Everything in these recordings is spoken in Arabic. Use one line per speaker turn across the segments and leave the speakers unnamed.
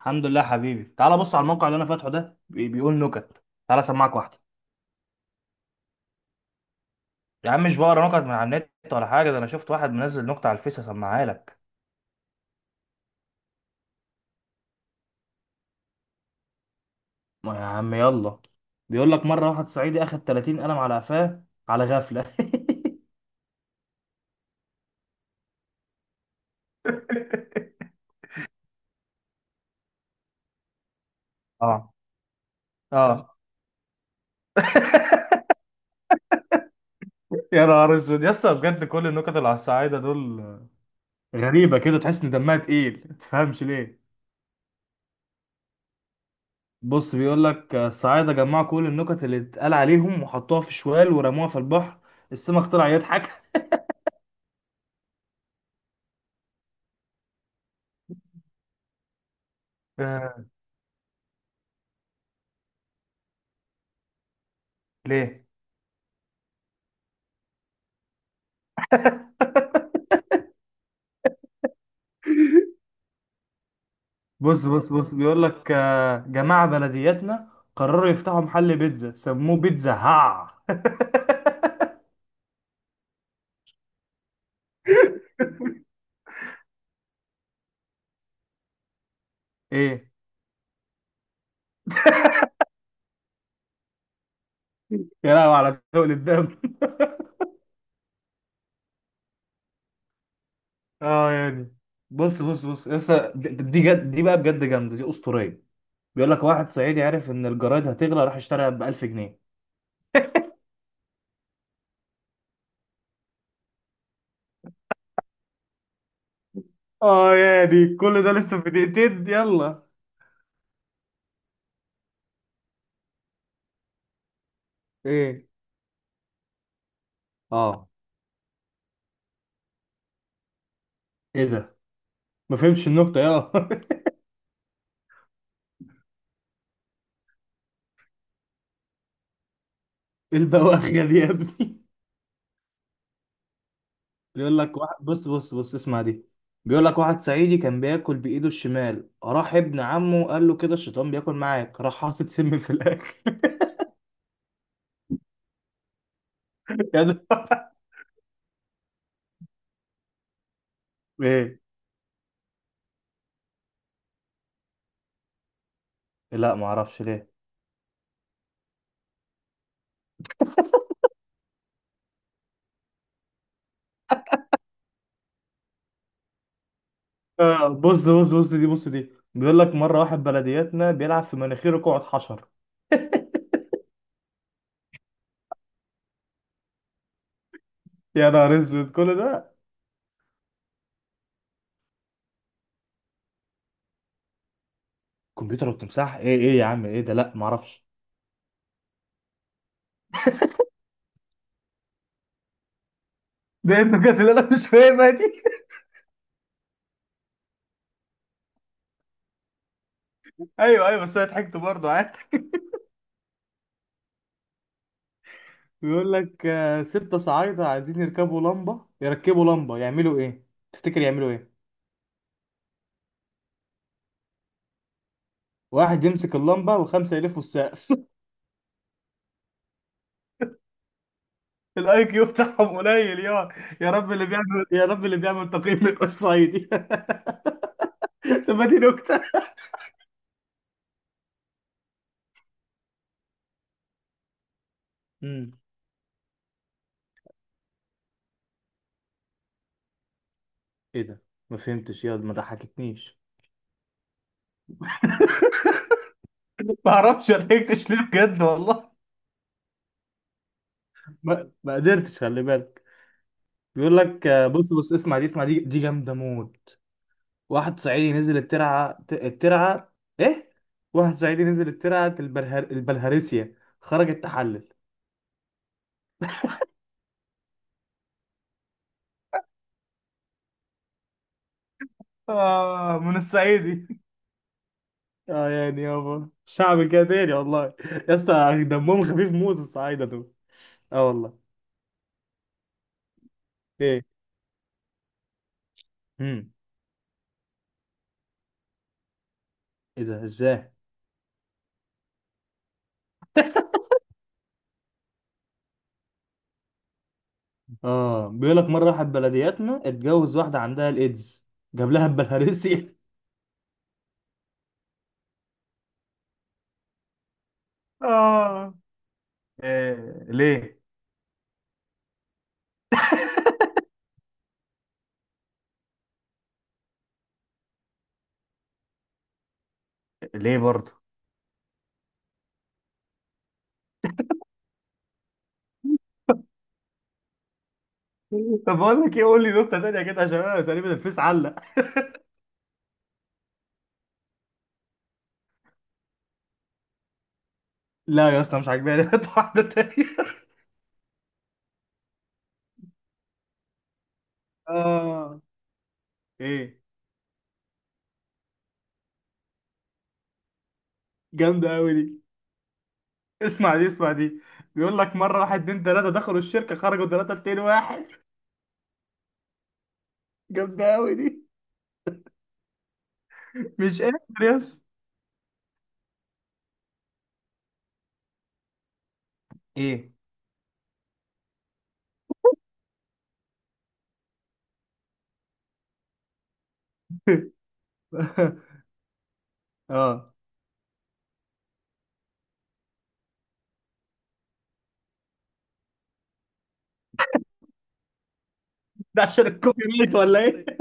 الحمد لله حبيبي، تعالى بص على الموقع اللي انا فاتحه ده، بيقول نكت، تعالى اسمعك واحده. يا عم مش بقرا نكت من على النت ولا حاجه، ده انا شفت واحد منزل نكته على الفيس، اسمعها لك. ما يا عم يلا. بيقول لك مره واحد صعيدي اخد 30 قلم على قفاه على غفله. اه، اه، يا نهار اسود يا اسطى، بجد كل النكت اللي على الصعايده دول غريبه كده، تحس ان دمها تقيل، ما تفهمش ليه. بص، بيقول لك الصعايده جمعوا كل النكت اللي اتقال عليهم وحطوها في شوال ورموها في البحر، السمك طلع يضحك. ليه؟ بص بص بص، بيقول لك جماعة بلدياتنا قرروا يفتحوا محل بيتزا سموه بيتزا هاع. ايه؟ يا لهوي على تقل الدم. اه يعني. بص بص بص يا اسطى، دي جد، دي بقى بجد جامده، دي اسطوريه. بيقول لك واحد صعيدي عرف ان الجرايد هتغلى، راح اشتريها ب 1000 جنيه. اه يعني، كل ده لسه في دقيقتين يلا. ايه؟ اه، ايه ده؟ ما فهمتش النكته يا. البواخيه دي يا ابني. بيقول لك واحد، بص بص بص اسمع دي. بيقول لك واحد صعيدي كان بياكل بايده الشمال، راح ابن عمه قال له كده الشيطان بياكل معاك، راح حاطط سم في الاكل. يا ده، ايه؟ لا، ما اعرفش ليه. آه، بص بص بص دي، بص دي، بيقول لك مره واحد بلدياتنا بيلعب في مناخيره، قعد حشر. يا نهار اسود، كل ده؟ كمبيوتر وتمساح؟ ايه ايه يا عم، ايه ده؟ لا، ما اعرفش. ده انت بجد، لا لا، مش فاهمها دي. ايوه، ايوه، بس انا ضحكت برضه عادي. بيقول لك ستة صعايدة عايزين يركبوا لمبة، يركبوا لمبة يعملوا ايه؟ تفتكر يعملوا ايه؟ واحد يمسك اللمبة وخمسة يلفوا السقف. الاي كيو بتاعهم قليل يا. يا رب اللي بيعمل تقييم ما يبقاش صعيدي. طب ما دي نكتة. امم ايه ده؟ ما فهمتش يا، ما ضحكتنيش. ما اعرفش ضحكتش ليه بجد والله. ما قدرتش، خلي بالك. بيقول لك بص بص، اسمع دي، اسمع دي، دي جامدة موت. واحد صعيدي نزل الترعه الترعه. ايه؟ واحد صعيدي نزل الترعه البلهارسيا، خرج التحلل. آه، من الصعيدي. اه يعني، يابا شعب كده تاني والله. يا اسطى دمهم خفيف موت الصعايده دول. اه والله. ايه؟ امم ايه ده؟ ازاي؟ اه، بيقول لك مره واحد بلدياتنا اتجوز واحده عندها الايدز، جاب لها البلهارسيا. آه، إيه؟ ليه؟ ليه برضه؟ طب بقول لك إيه، قول لي نكتة تانية كده عشان أنا تقريبا الفيس علق. لا يا اسطى، مش عاجباني. هات واحدة تانية. اه، ايه، جامدة قوي دي. اسمع دي، اسمع دي، بيقول لك مرة واحد اتنين تلاتة دخلوا الشركة، خرجوا تلاتة اتنين واحد. جامدة قوي دي، مش قادر يا اسطى. ايه؟ اه، ده عشان الكوبي رايت ولا ايه؟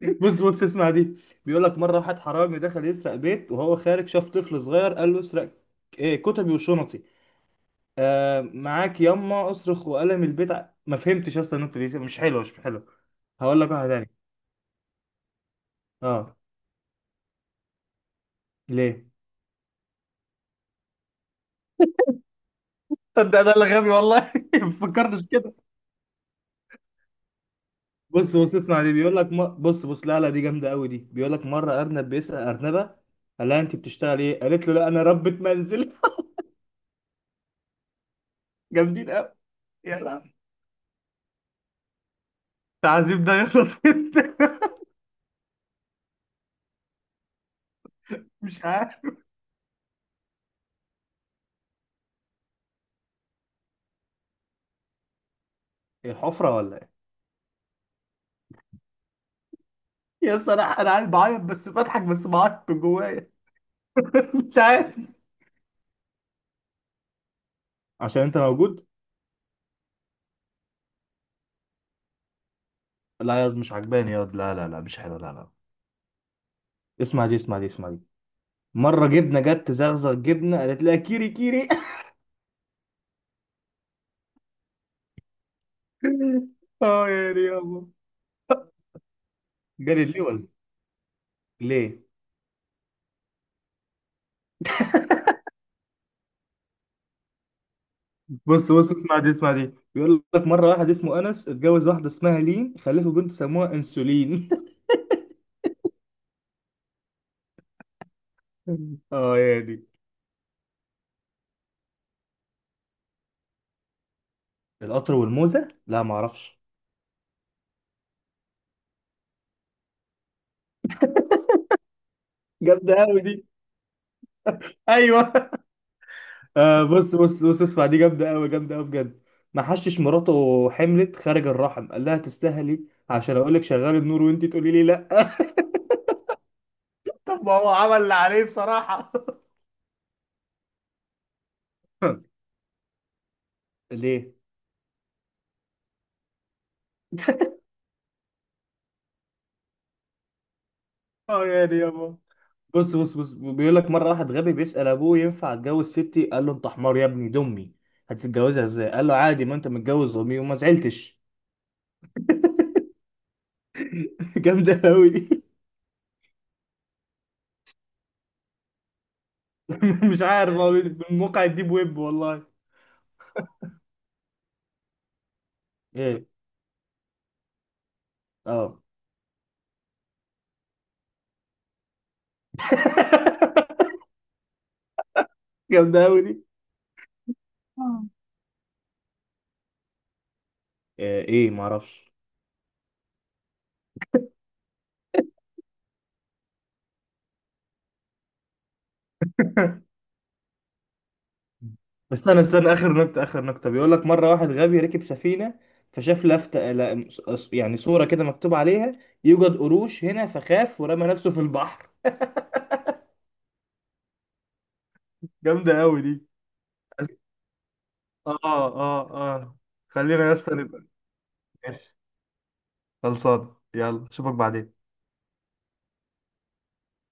بص بص اسمع دي، بيقول لك مرة واحد حرامي دخل يسرق بيت، وهو خارج شاف طفل صغير، قال له اسرق ايه؟ كتبي وشنطي. معاك يما، اصرخ وقلم البيت. ما فهمتش اصلا، النقطه دي مش حلوه، مش حلوه. هقول لك واحده تانية. اه. ليه؟ صدق، ده اللي غبي والله. ما فكرتش كده. بص بص اسمع دي، بيقول لك بص بص، لا لا، دي جامده قوي دي. بيقول لك مره ارنب بيسال ارنبه، قال لها انت بتشتغلي ايه، قالت له لا انا ربة منزل. جامدين قوي. يلا، التعذيب ده يخلص امتى؟ مش عارف. إيه، الحفره ولا ايه؟ يا اسطى، انا قاعد بعيط، بس بضحك، بس بعيط من جوايا. مش عارف. عشان انت موجود. لا يا، مش عجباني يا واد. لا لا لا، مش حلو، لا لا. اسمع دي، اسمع دي، اسمع دي. مرة جبنة جت تزغزغ جبنة، قالت لها كيري كيري. اه يا ريابو. جالي اللوز. ليه؟ بص بص اسمع دي، اسمع دي، بيقول لك مرة واحد اسمه أنس اتجوز واحدة اسمها لين، خلفوا بنت سموها أنسولين. اه يا دي. القطر والموزة؟ لا معرفش. جامدة أوي دي. ايوه. آه، بص بص بص اسمع دي، جامدة أوي، جامدة أوي بجد. ما حشش مراته حملت خارج الرحم، قال لها تستاهلي، عشان أقول لك شغال النور وأنت تقولي لي لأ. طب ما هو عمل اللي عليه بصراحة. ليه؟ اه يعني يابا. بص بص بص، بيقول لك مرة واحد غبي بيسأل أبوه ينفع أتجوز ستي، قال له أنت حمار يا ابني، دي أمي، هتتجوزها إزاي؟ قال له عادي، ما أنت متجوز أمي وما زعلتش. جامدة أوي دي. مش عارف، هو من موقع الديب ويب والله. إيه؟ أه. جامدة أوي دي. آه، ايه، معرفش. بس استنى استنى، اخر نكته اخر نكته، بيقول لك مره واحد غبي ركب سفينه، فشاف لفته، لا، يعني صوره كده مكتوب عليها يوجد قروش هنا، فخاف ورمى نفسه في البحر. جامده قوي دي. بس- اه، اه، اه. خلينا يا اسطى نبقى. ماشي، خلصان، يلا اشوفك بعدين.